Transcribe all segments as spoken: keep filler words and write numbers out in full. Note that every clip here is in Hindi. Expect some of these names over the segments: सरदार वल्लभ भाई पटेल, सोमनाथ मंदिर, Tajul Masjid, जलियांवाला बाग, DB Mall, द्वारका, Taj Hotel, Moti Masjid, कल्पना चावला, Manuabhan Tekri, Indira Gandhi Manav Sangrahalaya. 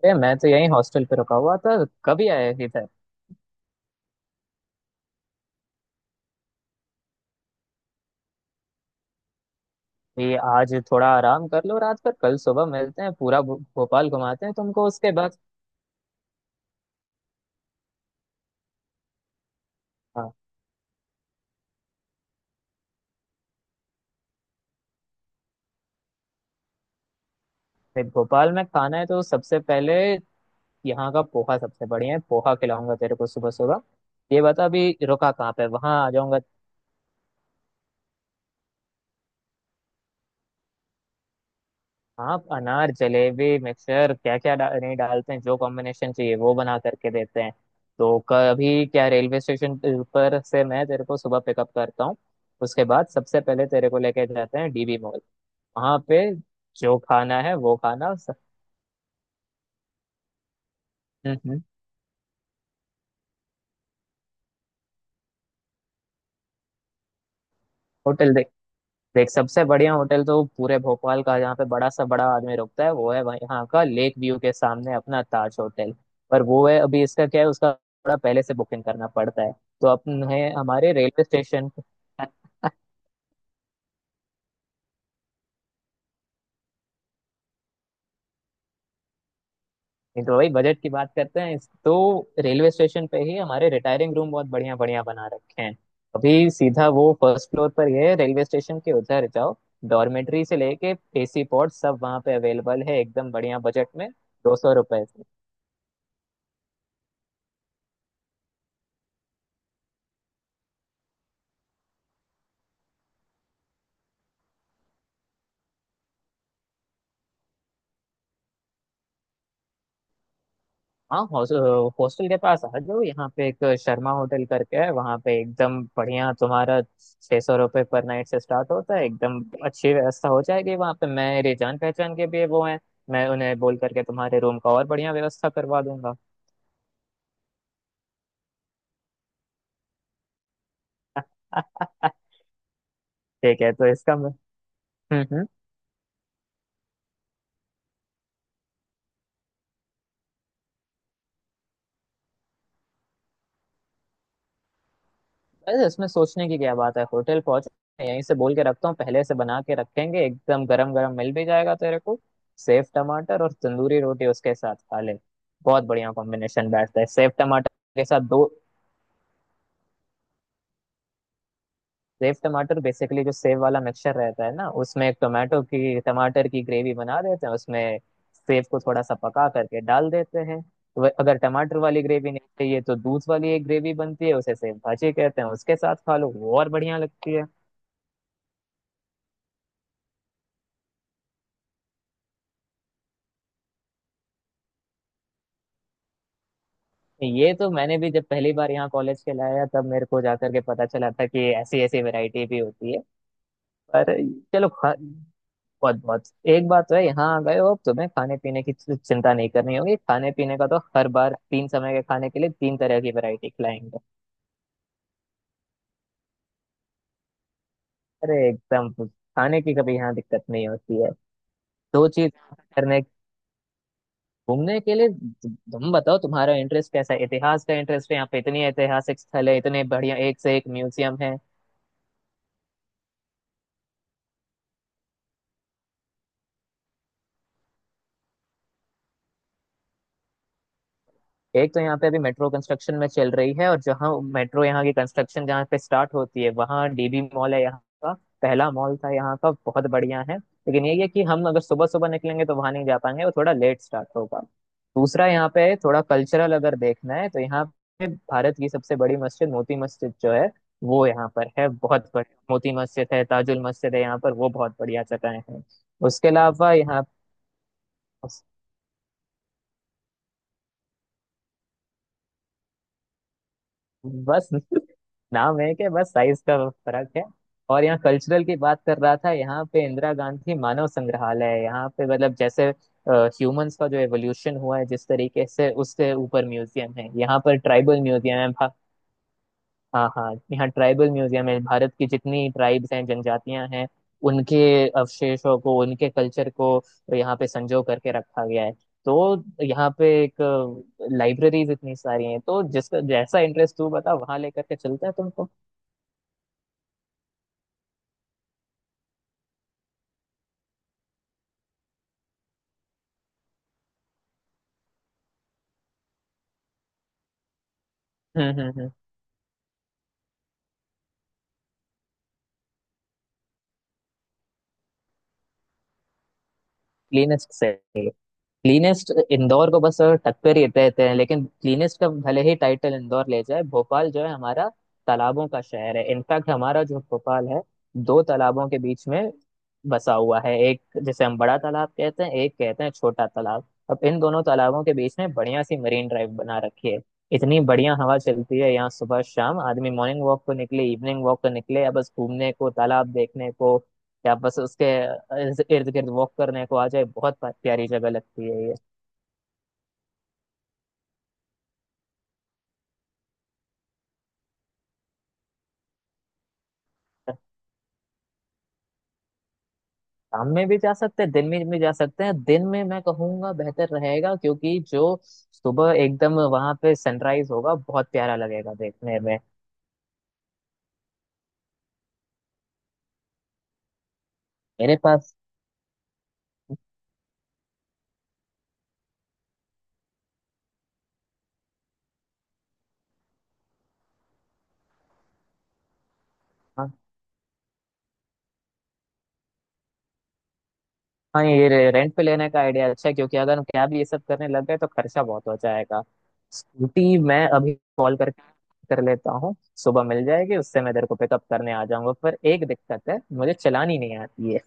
अरे मैं तो यहीं हॉस्टल पे रुका हुआ था। कभी आया इधर? ये आज थोड़ा आराम कर लो रात पर, कल सुबह मिलते हैं। पूरा भो- भोपाल घुमाते हैं तुमको उसके बाद। हाँ, फिर भोपाल में खाना है तो सबसे पहले यहाँ का पोहा सबसे बढ़िया है। पोहा खिलाऊंगा तेरे को सुबह सुबह। ये बता अभी रुका कहाँ पे, वहां आ जाऊंगा। आप अनार जलेबी मिक्सचर क्या क्या डा, नहीं डालते हैं, जो कॉम्बिनेशन चाहिए वो बना करके देते हैं। तो कभी क्या, रेलवे स्टेशन पर से मैं तेरे को सुबह पिकअप करता हूँ। उसके बाद सबसे पहले तेरे को लेके जाते हैं डीबी मॉल। वहाँ पे जो खाना है वो खाना स- हम्म हम्म। होटल देख। देख, सबसे बढ़िया होटल तो पूरे भोपाल का, जहाँ पे बड़ा सा बड़ा आदमी रुकता है वो है वहीं- यहाँ का लेक व्यू के सामने अपना ताज होटल। पर वो है, अभी इसका क्या है, उसका थोड़ा पहले से बुकिंग करना पड़ता है। तो अपने हमारे रेलवे स्टेशन पे- नहीं तो वही बजट की बात करते हैं इस- तो रेलवे स्टेशन पे ही हमारे रिटायरिंग रूम बहुत बढ़िया बढ़िया बना रखे हैं। अभी सीधा वो फर्स्ट फ्लोर पर ये रेलवे स्टेशन के उधर जाओ, डॉर्मेट्री से लेके एसी पॉड सब वहाँ पे अवेलेबल है, एकदम बढ़िया बजट में, दो सौ रुपए। हाँ, हॉस्टल के पास आ जाओ, यहाँ पे एक शर्मा होटल करके है, वहाँ पे एकदम बढ़िया तुम्हारा छह सौ रुपये पर नाइट से स्टार्ट होता है। एकदम अच्छी व्यवस्था हो जाएगी वहाँ पे, मेरे जान पहचान के भी वो हैं। मैं उन्हें बोल करके तुम्हारे रूम का और बढ़िया व्यवस्था करवा दूंगा। ठीक है तो इसका मैं- हम्म हम्म। अरे इसमें सोचने की क्या बात है, होटल पहुंचे यहीं से बोल के रखता हूँ, पहले से बना के रखेंगे, एकदम गरम गरम मिल भी जाएगा तेरे को। सेव टमाटर और तंदूरी रोटी उसके साथ खा ले। बहुत बढ़िया कॉम्बिनेशन बैठता है सेव टमाटर के साथ दो। सेव टमाटर बेसिकली जो सेव वाला मिक्सचर रहता है ना, उसमें एक टोमेटो की टमाटर की ग्रेवी बना देते हैं, उसमें सेव को थोड़ा सा पका करके डाल देते हैं तो वह- अगर टमाटर वाली ग्रेवी नहीं चाहिए तो दूध वाली एक ग्रेवी बनती है, उसे सेव भाजी कहते हैं। उसके साथ खा लो, वो और बढ़िया लगती है। ये तो मैंने भी जब पहली बार यहाँ कॉलेज के लाया तब मेरे को जाकर के पता चला था कि ऐसी ऐसी वैरायटी भी होती है। पर चलो खा। बहुत बहुत, एक बात तो है, यहाँ आ गए हो अब तुम्हें खाने पीने की चिंता नहीं करनी होगी। खाने पीने का तो हर बार तीन समय के खाने के लिए तीन तरह की वैरायटी खिलाएंगे। अरे एकदम खाने की कभी यहाँ दिक्कत नहीं होती है। दो चीज करने, घूमने के लिए तु- तुम बताओ तुम्हारा इंटरेस्ट कैसा है। इतिहास का इंटरेस्ट है? यहाँ पे इतनी ऐतिहासिक स्थल है, इतने बढ़िया एक से एक म्यूजियम है। एक तो यहाँ पे अभी मेट्रो कंस्ट्रक्शन में चल रही है, और जहाँ मेट्रो यहाँ की कंस्ट्रक्शन जहाँ पे स्टार्ट होती है वहाँ डीबी मॉल है, यहाँ का पहला मॉल था, यहाँ का बहुत बढ़िया है। लेकिन यही है कि हम अगर सुबह सुबह निकलेंगे तो वहाँ नहीं जा पाएंगे, वो थोड़ा लेट स्टार्ट होगा। दूसरा यहाँ पे थोड़ा कल्चरल अगर देखना है तो यहाँ पे भारत की सबसे बड़ी मस्जिद मोती मस्जिद जो है वो यहाँ पर है। बहुत बढ़िया मोती मस्जिद है, ताजुल मस्जिद है यहाँ पर, वो बहुत बढ़िया जगह है। उसके अलावा यहाँ बस। नाम है कि बस साइज का फर्क है। और यहाँ कल्चरल की बात कर रहा था, यहाँ पे इंदिरा गांधी मानव संग्रहालय है। यहाँ पे मतलब जैसे ह्यूमंस का जो एवोल्यूशन हुआ है जिस तरीके से, उससे ऊपर म्यूजियम है, यहाँ पर ट्राइबल म्यूजियम है। हाँ हाँ, यहाँ ट्राइबल म्यूजियम है, भारत की जितनी ट्राइब्स हैं, जनजातियां हैं उनके अवशेषों को, उनके कल्चर को यहाँ पे संजो करके रखा गया है। तो यहाँ पे एक लाइब्रेरीज इतनी सारी हैं, तो जिसका जैसा इंटरेस्ट तू बता वहाँ लेकर के चलता है तुमको। हम्म हम्म हम्म। क्लीनेस्ट? क्लीनेस्ट इंदौर को बस टक्कर ही देते हैं, लेकिन क्लीनेस्ट का भले ही टाइटल इंदौर ले जाए, भोपाल जो है हमारा तालाबों का शहर है। इनफैक्ट हमारा जो भोपाल है दो तालाबों के बीच में बसा हुआ है, एक जिसे हम बड़ा तालाब कहते हैं, एक कहते हैं छोटा तालाब। अब इन दोनों तालाबों के बीच में बढ़िया सी मरीन ड्राइव बना रखी है। इतनी बढ़िया हवा चलती है यहाँ सुबह शाम, आदमी मॉर्निंग वॉक को निकले, इवनिंग वॉक को निकले, या बस घूमने को, तालाब देखने को, कि आप बस उसके इर्द गिर्द वॉक करने को आ जाए। बहुत प्या- प्यारी जगह लगती है ये। शाम में भी जा सकते हैं, दिन में भी जा सकते हैं, दिन में मैं कहूंगा बेहतर रहेगा क्योंकि जो सुबह एकदम वहां पे सनराइज होगा बहुत प्यारा लगेगा देखने में। मेरे पास। हाँ हाँ, ये रेंट पे लेने का आइडिया अच्छा है क्योंकि अगर हम कैब ये सब करने लग गए तो खर्चा बहुत हो जाएगा। स्कूटी मैं अभी कॉल करके कर लेता हूँ, सुबह मिल जाएगी, उससे मैं तेरे को पिकअप करने आ जाऊंगा, पर एक दिक्कत है, मुझे चलानी नहीं आती है।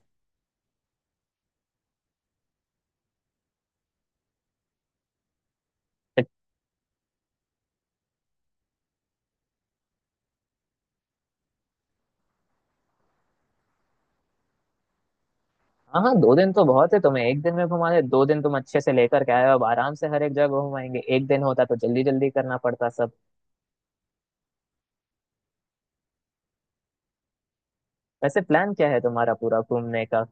हाँ हाँ, दो दिन तो बहुत है, तुम्हें एक दिन में घुमा दे, दो दिन तुम अच्छे से लेकर के आए हो, अब आराम से हर एक जगह घुमाएंगे, एक दिन होता तो जल्दी जल्दी करना पड़ता सब। वैसे प्लान क्या है तुम्हारा पूरा घूमने का?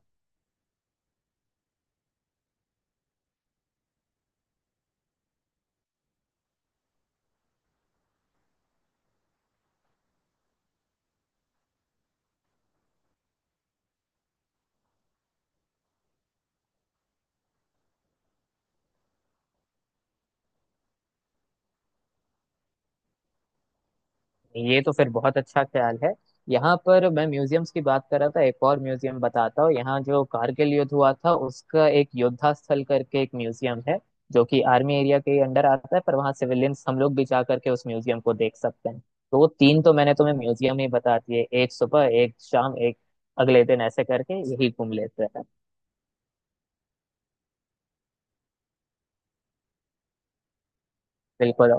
ये तो फिर बहुत अच्छा ख्याल है। यहाँ पर मैं म्यूजियम्स की बात कर रहा था, एक और म्यूजियम बताता हूँ, यहाँ जो कारगिल युद्ध हुआ था उसका एक योद्धा स्थल करके एक म्यूजियम है, जो कि आर्मी एरिया के अंडर आता है पर वहाँ सिविलियंस हम लोग भी जा करके उस म्यूजियम को देख सकते हैं। तो वो तीन तो मैंने तुम्हें म्यूजियम ही बता दिए, एक सुबह एक शाम एक अगले दिन, ऐसे करके यही घूम लेते हैं। बिल्कुल।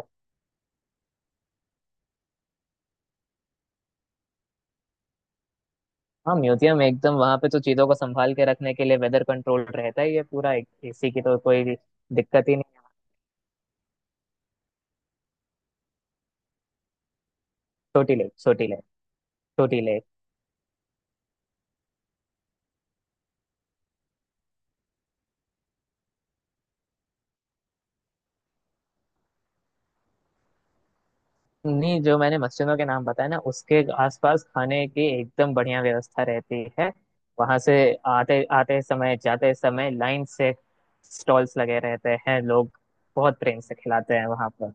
हाँ, म्यूजियम एकदम वहाँ पे तो चीजों को संभाल के रखने के लिए वेदर कंट्रोल रहता ही है पूरा, एक- इसी की तो कोई दिक्कत ही नहीं। छोटी ले छोटी लेक, छोटी लेक। नहीं, जो मैंने मस्जिदों के नाम बताया ना उसके आसपास खाने की एकदम बढ़िया व्यवस्था रहती है। वहां से आते आते समय, जाते समय लाइन से स्टॉल्स लगे रहते हैं, लोग बहुत प्रेम से खिलाते हैं वहां पर।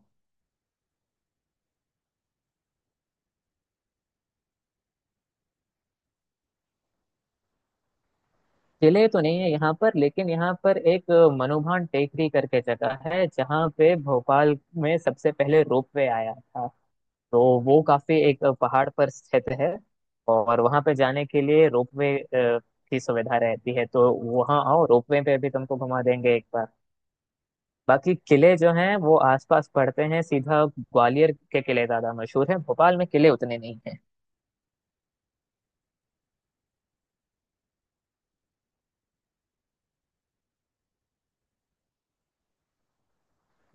किले तो नहीं है यहाँ पर, लेकिन यहाँ पर एक मनुभान टेकरी करके जगह है जहाँ पे भोपाल में सबसे पहले रोपवे आया था। तो वो काफी एक पहाड़ पर क्षेत्र है और वहां पे जाने के लिए रोपवे की सुविधा रहती है। तो वहां आओ, रोपवे पे भी तुमको घुमा देंगे एक बार। बाकी किले जो हैं वो आसपास पड़ते हैं, सीधा ग्वालियर के किले ज्यादा मशहूर है, भोपाल में किले उतने नहीं हैं।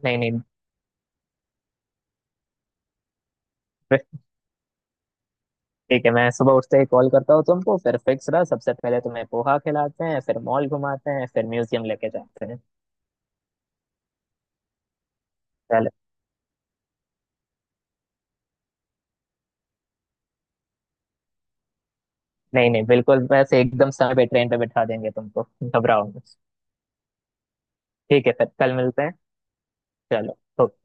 नहीं नहीं। फिर ठीक है, मैं सुबह उठते ही कॉल करता हूँ तुमको, फिर फिक्स रहा, सबसे पहले तुम्हें पोहा खिलाते हैं, फिर मॉल घुमाते हैं, फिर म्यूजियम लेके जाते हैं। चलो। नहीं नहीं बिल्कुल, वैसे एकदम समय पे ट्रेन पे बिठा देंगे तुमको, घबराओ मत। ठीक है, फिर कल मिलते हैं। चलो तो